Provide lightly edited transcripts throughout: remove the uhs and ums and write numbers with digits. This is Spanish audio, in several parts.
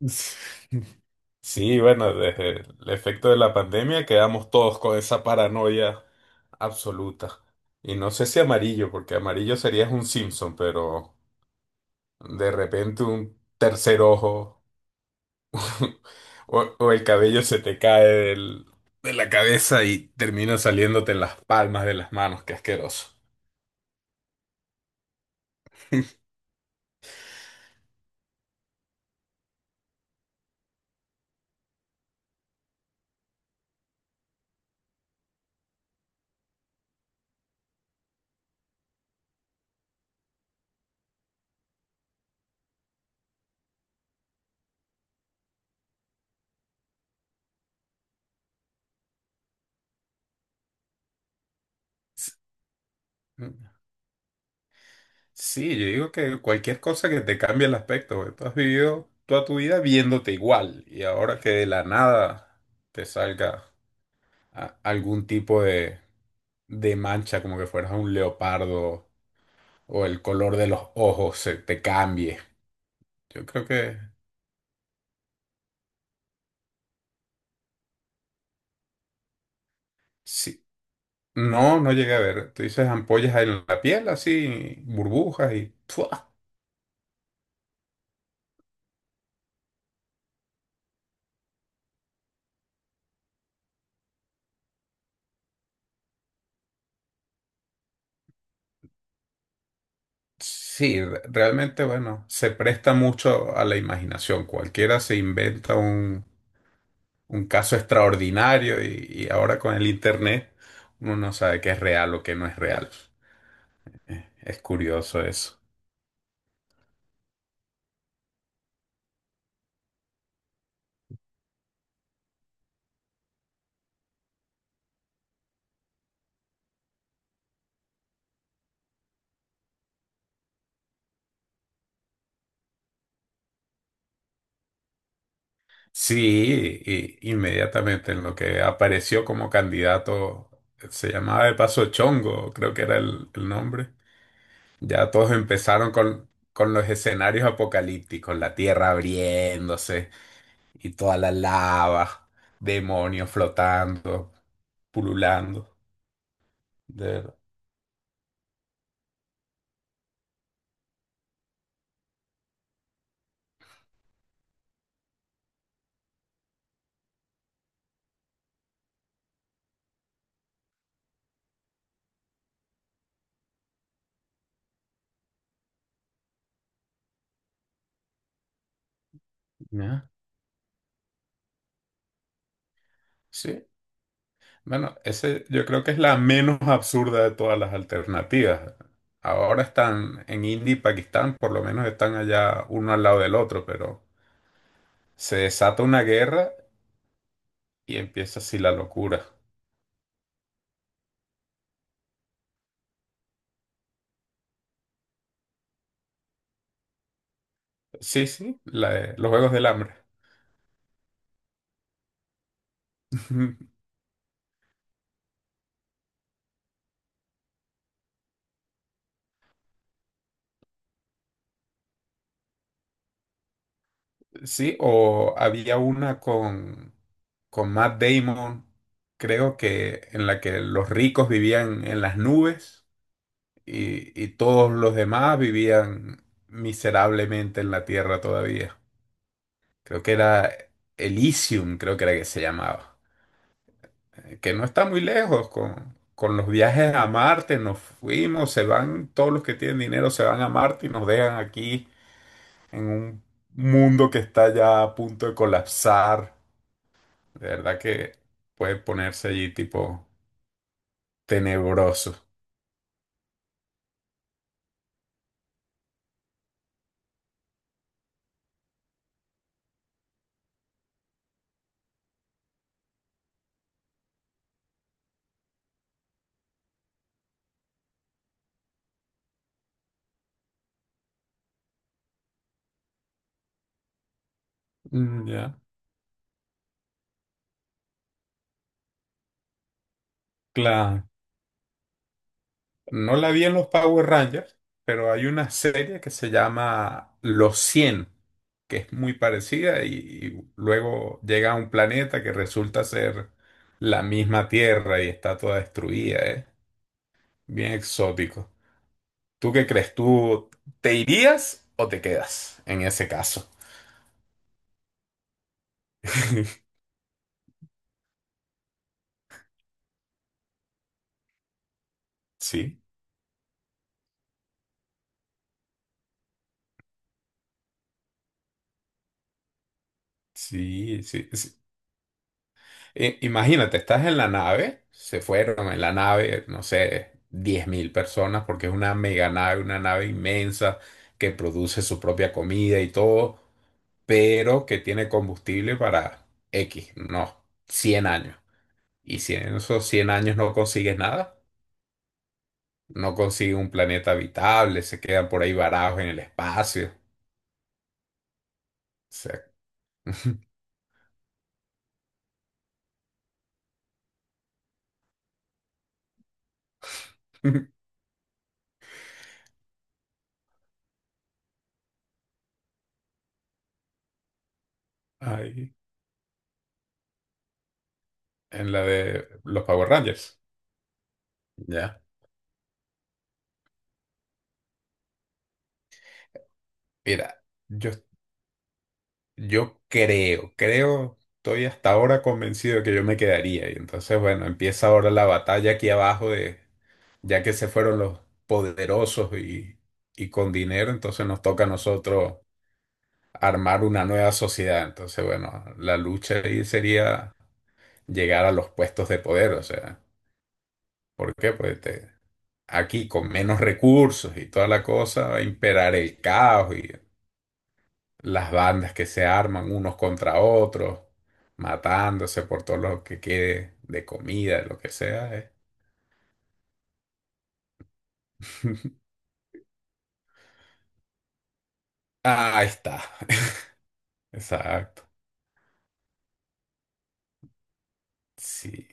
Sí, bueno, desde el efecto de la pandemia quedamos todos con esa paranoia absoluta. Y no sé si amarillo, porque amarillo sería un Simpson, pero de repente un tercer ojo o el cabello se te cae de la cabeza y termina saliéndote en las palmas de las manos, qué asqueroso. Sí, yo digo que cualquier cosa que te cambie el aspecto, güey. Tú has vivido toda tu vida viéndote igual y ahora que de la nada te salga algún tipo de mancha, como que fueras un leopardo o el color de los ojos se te cambie. Yo creo que sí. No, no llegué a ver. Tú dices ampollas en la piel, así, burbujas y... ¡fua! Sí, realmente, bueno, se presta mucho a la imaginación. Cualquiera se inventa un caso extraordinario y ahora con el internet uno no sabe qué es real o qué no es real. Es curioso eso. Sí, y inmediatamente en lo que apareció como candidato, se llamaba de paso Chongo, creo que era el nombre. Ya todos empezaron con los escenarios apocalípticos, la tierra abriéndose y toda la lava, demonios flotando, pululando. De verdad. Ya. Sí. Bueno, ese yo creo que es la menos absurda de todas las alternativas. Ahora están en India y Pakistán, por lo menos están allá uno al lado del otro, pero se desata una guerra y empieza así la locura. Sí, sí, los Juegos del Hambre. Sí, o había una con Matt Damon, creo que en la que los ricos vivían en las nubes y todos los demás vivían miserablemente en la tierra todavía. Creo que era Elysium, creo que era que se llamaba. Que no está muy lejos con los viajes a Marte. Nos fuimos, se van, todos los que tienen dinero se van a Marte y nos dejan aquí en un mundo que está ya a punto de colapsar. De verdad que puede ponerse allí tipo tenebroso. Mm, ya. Claro, no la vi en los Power Rangers, pero hay una serie que se llama Los Cien, que es muy parecida y luego llega a un planeta que resulta ser la misma Tierra y está toda destruida, ¿eh? Bien exótico. ¿Tú qué crees? ¿Tú te irías o te quedas en ese caso? Sí, sí, sí, sí. Imagínate, estás en la nave, se fueron en la nave, no sé, 10.000 personas, porque es una mega nave, una nave inmensa que produce su propia comida y todo, pero que tiene combustible para X, no, 100 años. Y si en esos 100 años no consigues nada, no consigues un planeta habitable, se quedan por ahí varados en el espacio. O sea, ahí, en la de los Power Rangers. Ya. Mira, yo Yo creo, estoy hasta ahora convencido de que yo me quedaría. Y entonces, bueno, empieza ahora la batalla aquí abajo de, ya que se fueron los poderosos y con dinero, entonces nos toca a nosotros armar una nueva sociedad. Entonces, bueno, la lucha ahí sería llegar a los puestos de poder, o sea, ¿por qué? Pues aquí con menos recursos y toda la cosa va a imperar el caos las bandas que se arman unos contra otros, matándose por todo lo que quede de comida, de lo que sea. Ah, ahí está. Exacto. Sí,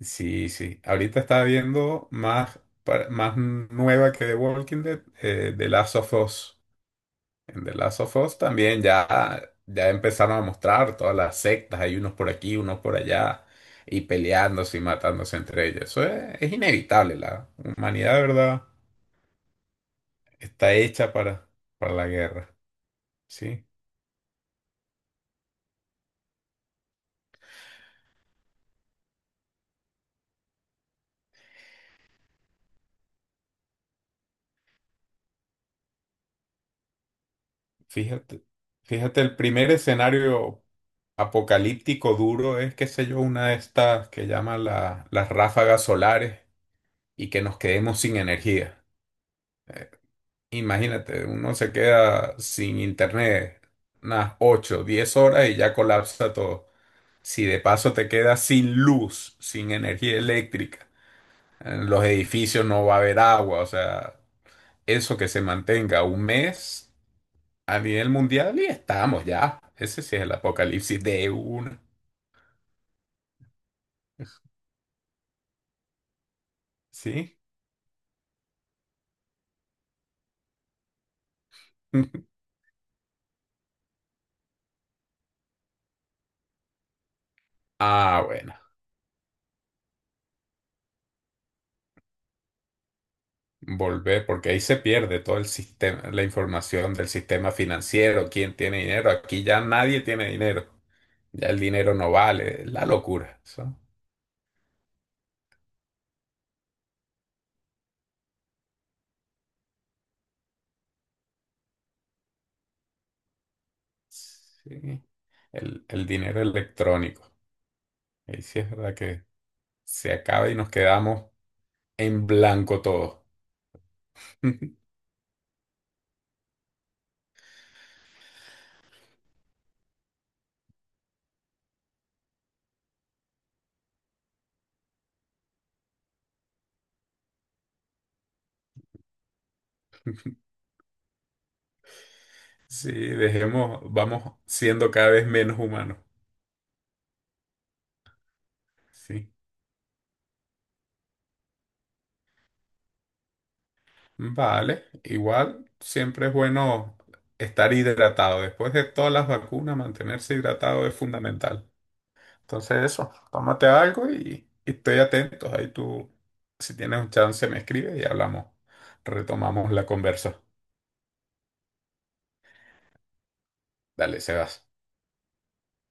sí, sí. Ahorita está viendo más, más nueva que The Walking Dead, The Last of Us. En The Last of Us también ya empezaron a mostrar todas las sectas, hay unos por aquí, unos por allá, y peleándose y matándose entre ellos. Eso es inevitable, la humanidad, ¿de verdad? Está hecha para la guerra, ¿sí? Fíjate, fíjate, el primer escenario apocalíptico duro es, qué sé yo, una de estas que llaman las ráfagas solares y que nos quedemos sin energía. Imagínate, uno se queda sin internet unas 8, 10 horas y ya colapsa todo. Si de paso te quedas sin luz, sin energía eléctrica, en los edificios no va a haber agua, o sea, eso que se mantenga un mes a nivel mundial y estamos ya. Ese sí es el apocalipsis de una, ¿sí? Ah, bueno, volver, porque ahí se pierde todo el sistema, la información del sistema financiero, quién tiene dinero. Aquí ya nadie tiene dinero. Ya el dinero no vale, la locura. Eso. Sí, el dinero electrónico. Ahí sí es verdad que se acaba y nos quedamos en blanco todo. Sí, dejemos, vamos siendo cada vez menos humanos. Sí. Vale, igual siempre es bueno estar hidratado. Después de todas las vacunas, mantenerse hidratado es fundamental. Entonces eso, tómate algo y estoy atento. Ahí tú, si tienes un chance, me escribes y hablamos. Retomamos la conversa. Dale, Sebas.